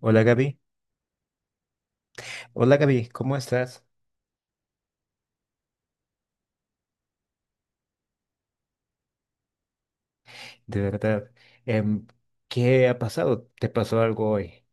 Hola Gaby, hola Gaby, ¿cómo estás? De verdad, em, ¿qué ha pasado? ¿Te pasó algo hoy?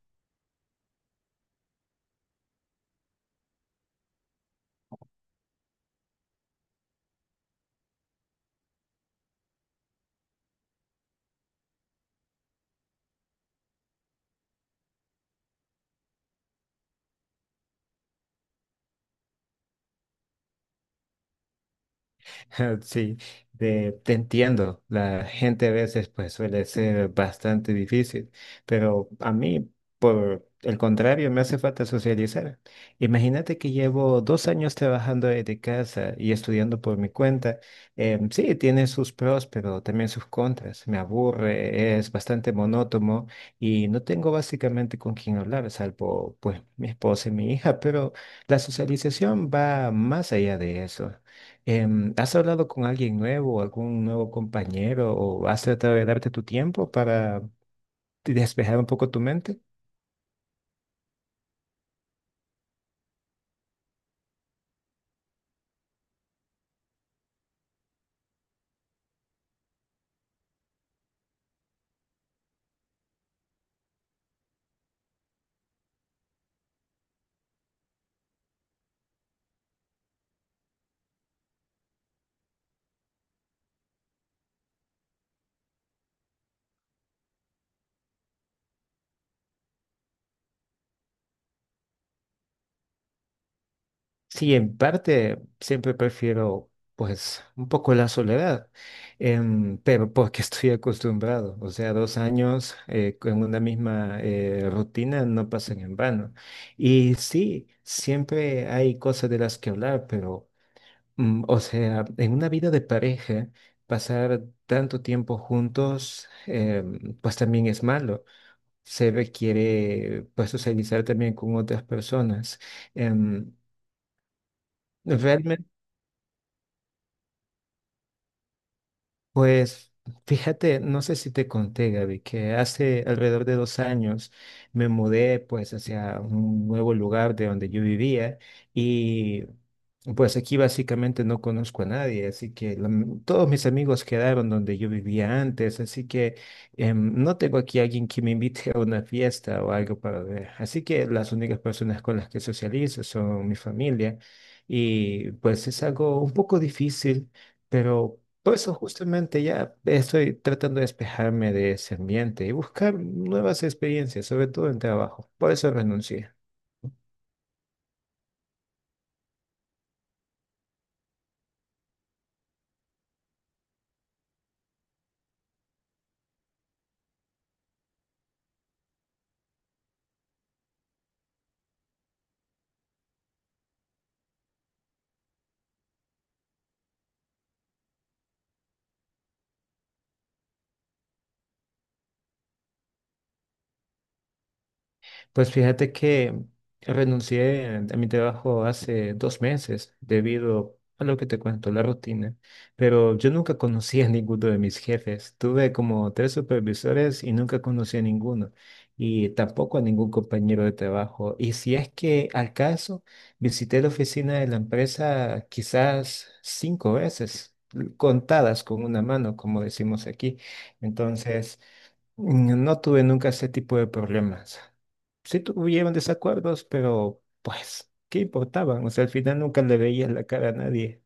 Sí, te entiendo. La gente a veces pues suele ser bastante difícil, pero a mí, por el contrario, me hace falta socializar. Imagínate que llevo 2 años trabajando desde casa y estudiando por mi cuenta. Sí, tiene sus pros, pero también sus contras. Me aburre, es bastante monótono y no tengo básicamente con quién hablar, salvo pues mi esposa y mi hija, pero la socialización va más allá de eso. ¿Has hablado con alguien nuevo, algún nuevo compañero, o has tratado de darte tu tiempo para despejar un poco tu mente? Sí, en parte siempre prefiero, pues, un poco la soledad, pero porque estoy acostumbrado. O sea, 2 años con una misma rutina no pasan en vano. Y sí, siempre hay cosas de las que hablar, pero o sea, en una vida de pareja, pasar tanto tiempo juntos, pues también es malo. Se requiere, pues, socializar también con otras personas. Em, Realmente. Pues fíjate, no sé si te conté, Gaby, que hace alrededor de 2 años me mudé pues hacia un nuevo lugar de donde yo vivía y pues aquí básicamente no conozco a nadie, así que la todos mis amigos quedaron donde yo vivía antes, así que no tengo aquí alguien que me invite a una fiesta o algo para ver. Así que las únicas personas con las que socializo son mi familia y pues es algo un poco difícil, pero... Por eso justamente ya estoy tratando de despejarme de ese ambiente y buscar nuevas experiencias, sobre todo en trabajo. Por eso renuncié. Pues fíjate que renuncié a mi trabajo hace 2 meses debido a lo que te cuento, la rutina, pero yo nunca conocí a ninguno de mis jefes. Tuve como tres supervisores y nunca conocí a ninguno y tampoco a ningún compañero de trabajo. Y si es que al caso, visité la oficina de la empresa quizás cinco veces, contadas con una mano, como decimos aquí. Entonces... No tuve nunca ese tipo de problemas. Sí tuvieron desacuerdos, pero pues, ¿qué importaban? O sea, al final nunca le veía la cara a nadie.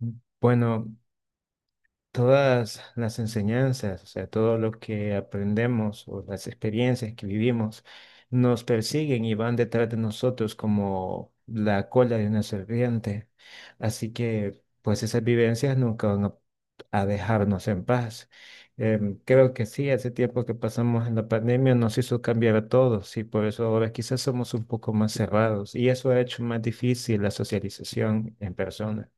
Mm, Bueno, todas las enseñanzas, o sea, todo lo que aprendemos o las experiencias que vivimos nos persiguen y van detrás de nosotros como la cola de una serpiente. Así que, pues esas vivencias nunca van a dejarnos en paz. Creo que sí, hace tiempo que pasamos en la pandemia nos hizo cambiar a todos y por eso ahora quizás somos un poco más cerrados y eso ha hecho más difícil la socialización en persona.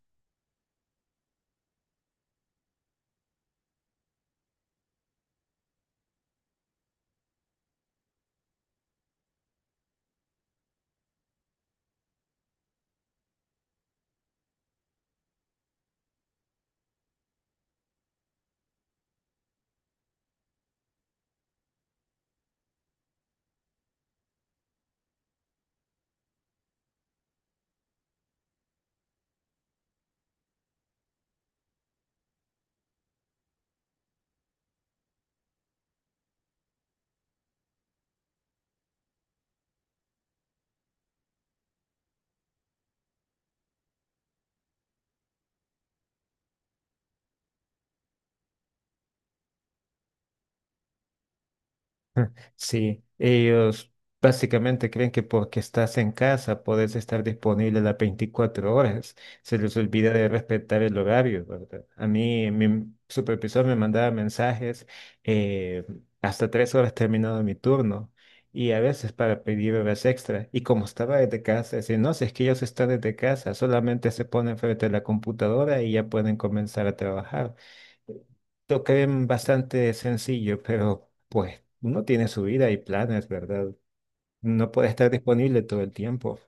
Sí, ellos básicamente creen que porque estás en casa puedes estar disponible las 24 horas. Se les olvida de respetar el horario, ¿verdad? A mí, mi supervisor me mandaba mensajes eh, hasta 3 horas terminado mi turno y a veces para pedir horas extra. Y como estaba desde casa, decía, no, si es que ellos están desde casa, solamente se ponen frente a la computadora y ya pueden comenzar a trabajar. Lo bastante sencillo, pero pues uno tiene su vida y planes, ¿verdad? No puede estar disponible todo el tiempo.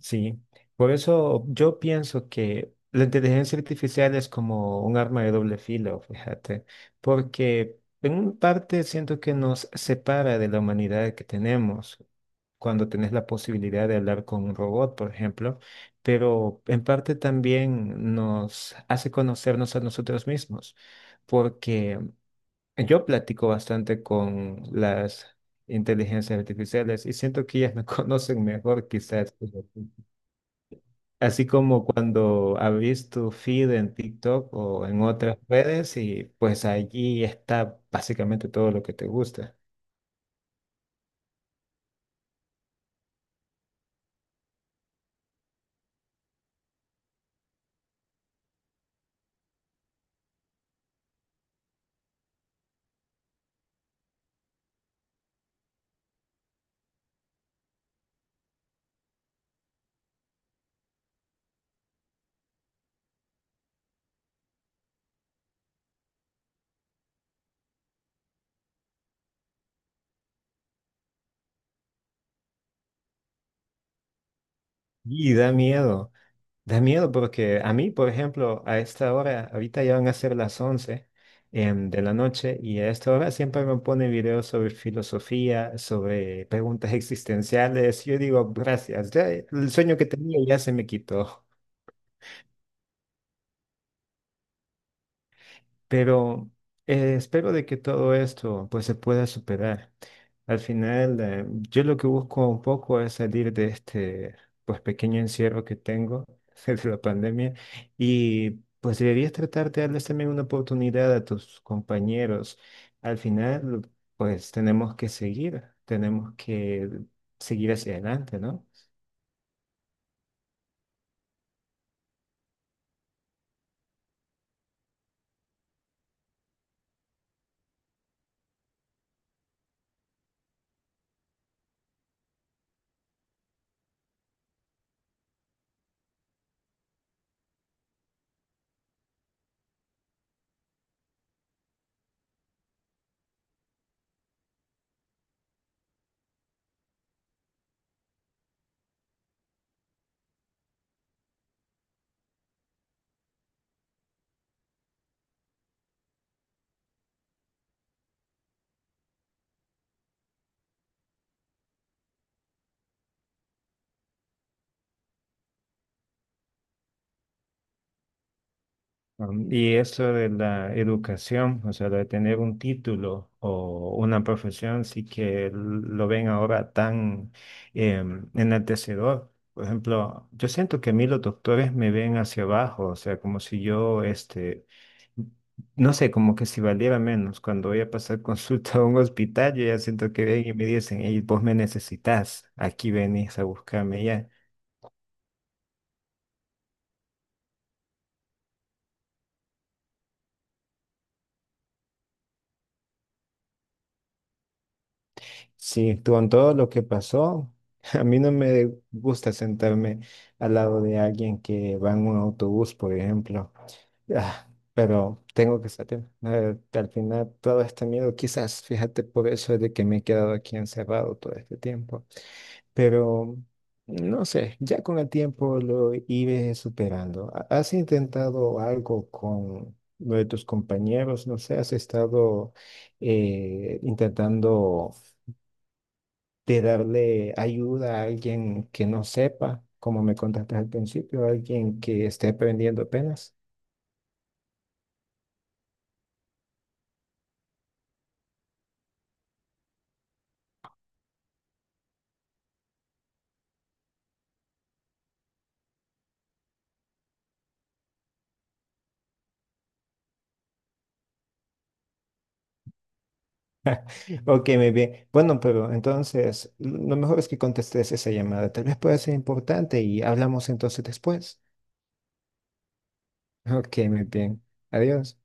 Sí, por eso yo pienso que la inteligencia artificial es como un arma de doble filo, fíjate, porque en una parte siento que nos separa de la humanidad que tenemos cuando tenés la posibilidad de hablar con un robot, por ejemplo, pero en parte también nos hace conocernos a nosotros mismos, porque yo platico bastante con las inteligencias artificiales y siento que ellas me conocen mejor quizás. Así como cuando abrís tu feed en TikTok o en otras redes y pues allí está básicamente todo lo que te gusta. Y da miedo porque a mí, por ejemplo, a esta hora, ahorita ya van a ser las 11 de la noche y a esta hora siempre me pone videos sobre filosofía, sobre preguntas existenciales. Yo digo, gracias, ya el sueño que tenía ya se me quitó. Pero espero de que todo esto pues se pueda superar. Al final, yo lo que busco un poco es salir de este pues pequeño encierro que tengo desde la pandemia y pues deberías tratar de darles también una oportunidad a tus compañeros. Al final, pues tenemos que seguir hacia adelante, ¿no? Y eso de la educación, o sea, de tener un título o una profesión, sí que lo ven ahora tan enaltecedor. Por ejemplo, yo siento que a mí los doctores me ven hacia abajo, o sea, como si yo, no sé, como que si valiera menos. Cuando voy a pasar consulta a un hospital, yo ya siento que ven y me dicen, hey, vos me necesitas, aquí venís a buscarme ya. Sí, con todo lo que pasó, a mí no me gusta sentarme al lado de alguien que va en un autobús, por ejemplo. Ah, pero tengo que salir. Al final, todo este miedo, quizás, fíjate, por eso es de que me he quedado aquí encerrado todo este tiempo. Pero, no sé, ya con el tiempo lo iré superando. ¿Has intentado algo con lo de tus compañeros? No sé, has estado intentando de darle ayuda a alguien que no sepa, como me contaste al principio, alguien que esté aprendiendo apenas. Ok, muy bien. Bueno, pero entonces lo mejor es que contestes esa llamada. Tal vez pueda ser importante y hablamos entonces después. Ok, muy bien. Adiós.